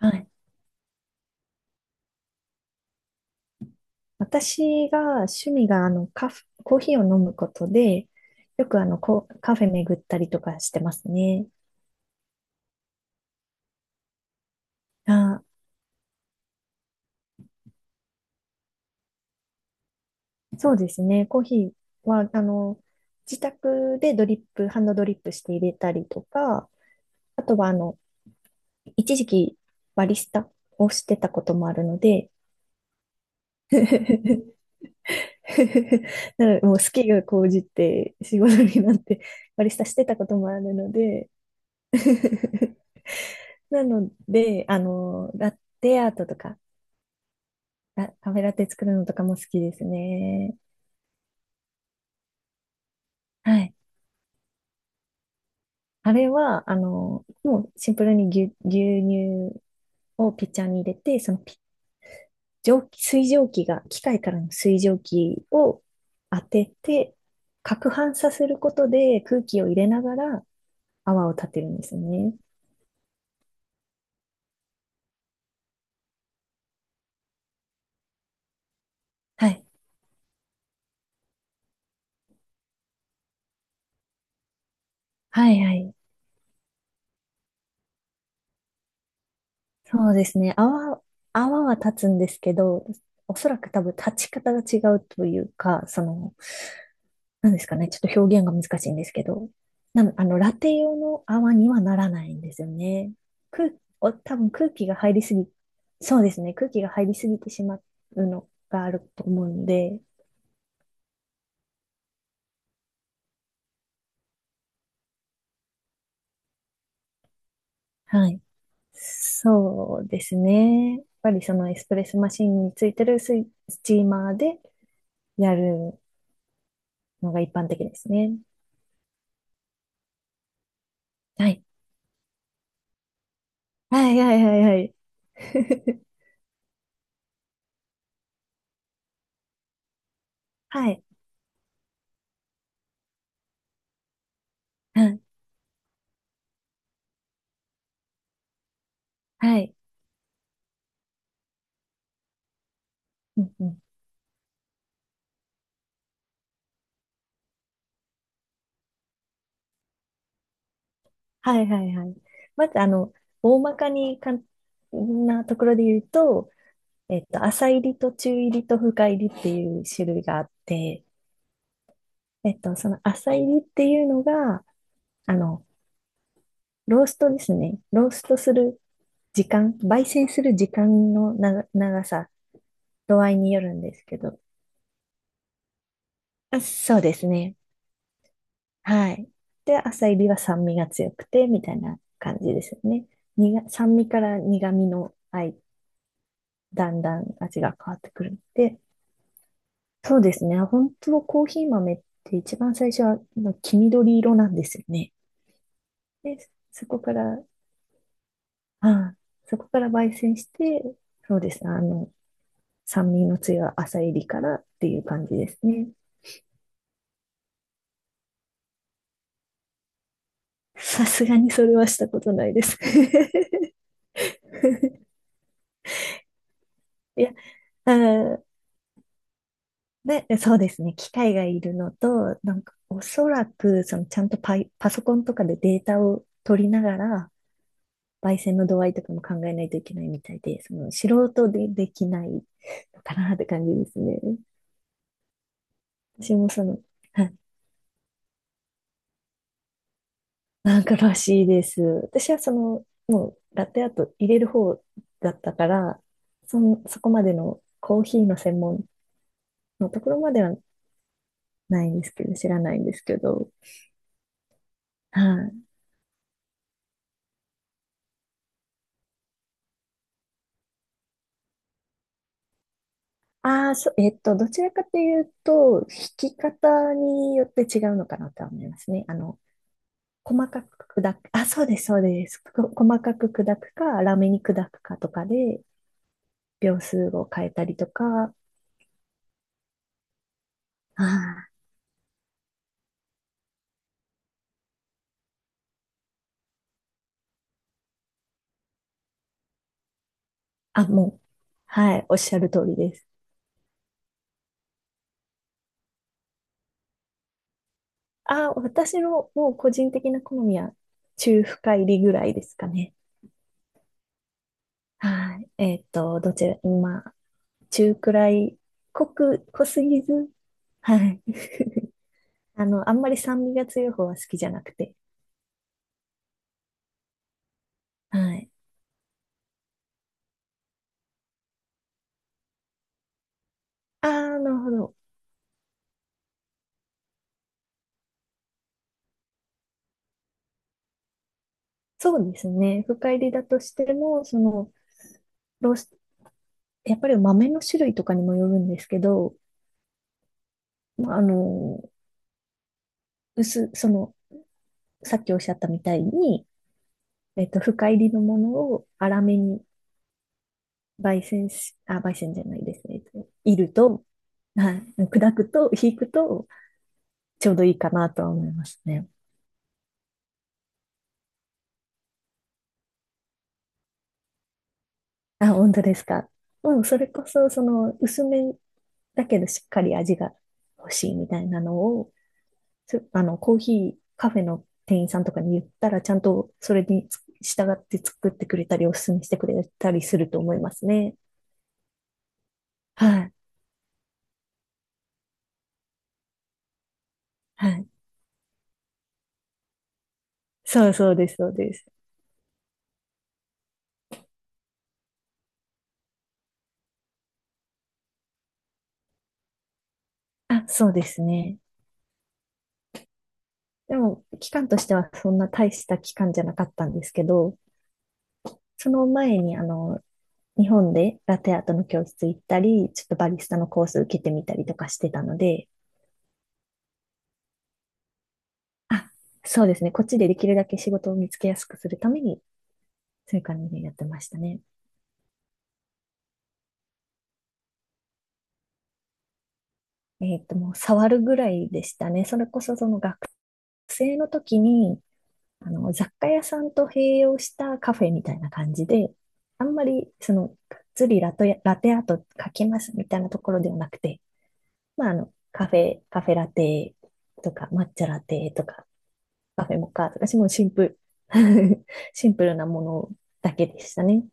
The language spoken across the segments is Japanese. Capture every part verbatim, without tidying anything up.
はい。私が趣味があのカフ、コーヒーを飲むことで、よくあのコ、カフェ巡ったりとかしてますね。あ、そうですね。コーヒーは、あの、自宅でドリップ、ハンドドリップして入れたりとか、あとはあの、一時期バリスタをしてたこともあるので、なのでもう好きが高じて仕事になってバリスタしてたこともあるので なので、あの、ラテアートとか、ラカフェラテ作るのとかも好きですね。はい。あれは、あの、もうシンプルに牛、牛乳をピッチャーに入れて、そのピ、蒸気、水蒸気が、機械からの水蒸気を当てて、攪拌させることで空気を入れながら泡を立てるんですね。はい。はいはい。そうですね。泡、泡は立つんですけど、おそらく多分立ち方が違うというか、その、なんですかね、ちょっと表現が難しいんですけど、なあの、ラテ用の泡にはならないんですよね。空、お、多分空気が入りすぎ、そうですね、空気が入りすぎてしまうのがあると思うので、はい。そうですね。やっぱりそのエスプレッソマシンについてるスイ、スチーマーでやるのが一般的ですね。はい。はいはいはいはい。はい。はい。はい。うんうんはいはいはい。まず、あの、大まかに簡単なところで言うと、えっと、浅入りと中入りと深入りっていう種類があって、えっと、その浅入りっていうのが、あの、ローストですね。ローストする時間、焙煎する時間の長、長さ、度合いによるんですけど。あ、そうですね。はい。で、浅入りは酸味が強くて、みたいな感じですよね。苦、酸味から苦味のあいだんだん味が変わってくるので、そうですね。本当コーヒー豆って一番最初は黄緑色なんですよね。で、そこから、ああ、そこから焙煎して、そうですね。あの、酸味の強い朝入りからっていう感じですね。さすがにそれはしたことないです。いや、あー、で、そうですね。機械がいるのと、なんかおそらく、そのちゃんとパイ、パソコンとかでデータを取りながら、焙煎の度合いとかも考えないといけないみたいで、その素人でできないのかなって感じですね。私もその、はい、なんからしいです。私はその、もうラテアート入れる方だったから、そん、そこまでのコーヒーの専門のところまではないんですけど、知らないんですけど、はい。ああ、そ、えっと、どちらかというと、弾き方によって違うのかなとは思いますね。あの、細かく砕く、あ、そうです、そうです。こ細かく砕くか、ラメに砕くかとかで、秒数を変えたりとか、あー、あ、もう、はい、おっしゃる通りです。あ、私のもう個人的な好みは、中深入りぐらいですかね。はい。えっと、どちら、まあ、中くらい、濃く、濃すぎず、はい。あの、あんまり酸味が強い方は好きじゃなくて、はい。ああ、なるほど。そうですね。深入りだとしても、その、ロースやっぱり豆の種類とかにもよるんですけど、まあ、あの、薄、その、さっきおっしゃったみたいに、えっと、深入りのものを粗めに焙煎し、あ、焙煎じゃないですね。えっと煎ると、はい、砕くと、引くと、ちょうどいいかなとは思いますね。あ、本当ですか。うん、それこそ、その、薄めだけどしっかり味が欲しいみたいなのを、つあの、コーヒー、カフェの店員さんとかに言ったら、ちゃんとそれに従って作ってくれたり、おすすめしてくれたりすると思いますね。はい。はい。そうそうです、そうです。あ、そうですね。でも、期間としてはそんな大した期間じゃなかったんですけど、その前に、あの、日本でラテアートの教室行ったり、ちょっとバリスタのコース受けてみたりとかしてたので、あ、そうですね。こっちでできるだけ仕事を見つけやすくするために、そういう感じでやってましたね。えっと、もう触るぐらいでしたね。それこそその学生の時に、あの、雑貨屋さんと併用したカフェみたいな感じで、あんまり、その、がっつりラトや、ラテアート書きますみたいなところではなくて、まあ、あの、カフェ、カフェラテとか、抹茶ラテとか、カフェモカとか、もうシンプル、シンプルなものだけでしたね。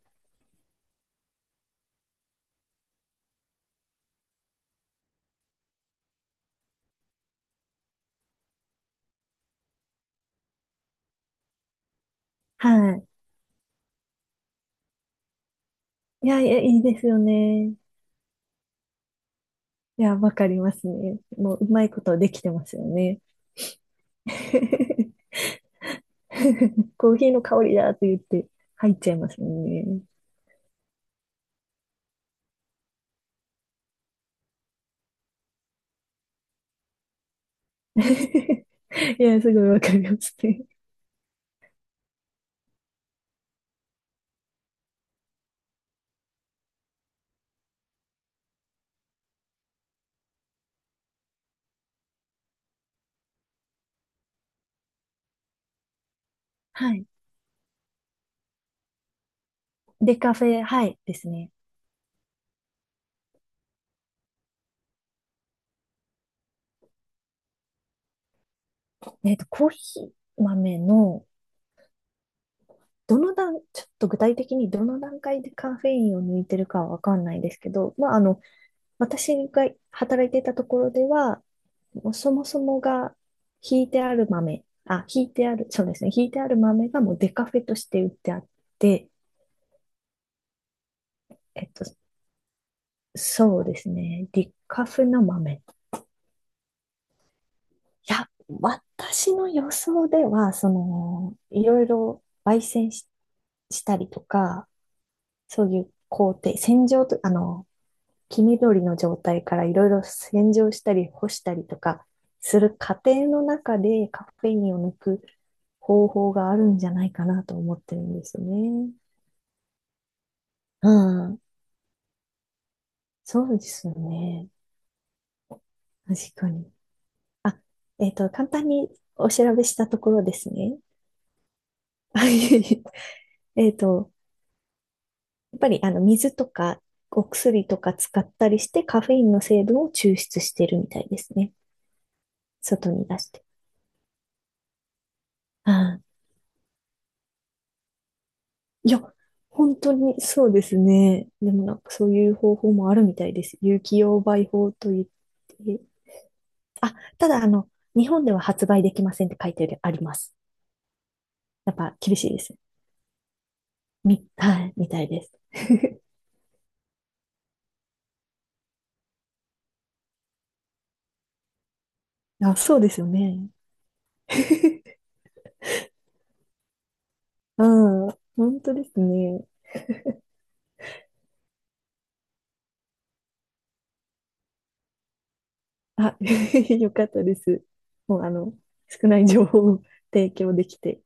はい。いや、いや、いいですよね。いや、わかりますね。もう、うまいことできてますよね。コーヒーの香りだって言って入っちゃいますもんね。いや、すごいわかりますね。はい。で、カフェ、はい、ですね。えっと、コーヒー豆の、どの段、ちょっと具体的にどの段階でカフェインを抜いてるかはわかんないですけど、まあ、あの、私が働いていたところでは、もうそもそもが、ひいてある豆、あ、ひいてある、そうですね、ひいてある豆がもうデカフェとして売ってあって、えっと、そうですね。リカフの豆。いや、私の予想では、その、いろいろ焙煎し、したりとか、そういう工程、洗浄と、あの、黄緑の状態からいろいろ洗浄したり干したりとかする過程の中でカフェインを抜く方法があるんじゃないかなと思ってるんですよね。うん。そうですよね。確かに。あ、えっと、簡単にお調べしたところですね。あいえいええっと、やっぱりあの水とかお薬とか使ったりしてカフェインの成分を抽出してるみたいですね。外に出して。ああ、いや、本当にそうですね。でもなんかそういう方法もあるみたいです。有機溶媒法といって。あ、ただあの、日本では発売できませんって書いてあります。やっぱ厳しいです。み、はい、みたいです。あ、そうですよね。うん、本当ですね。あ、よかったです。もうあの、少ない情報を提供できて、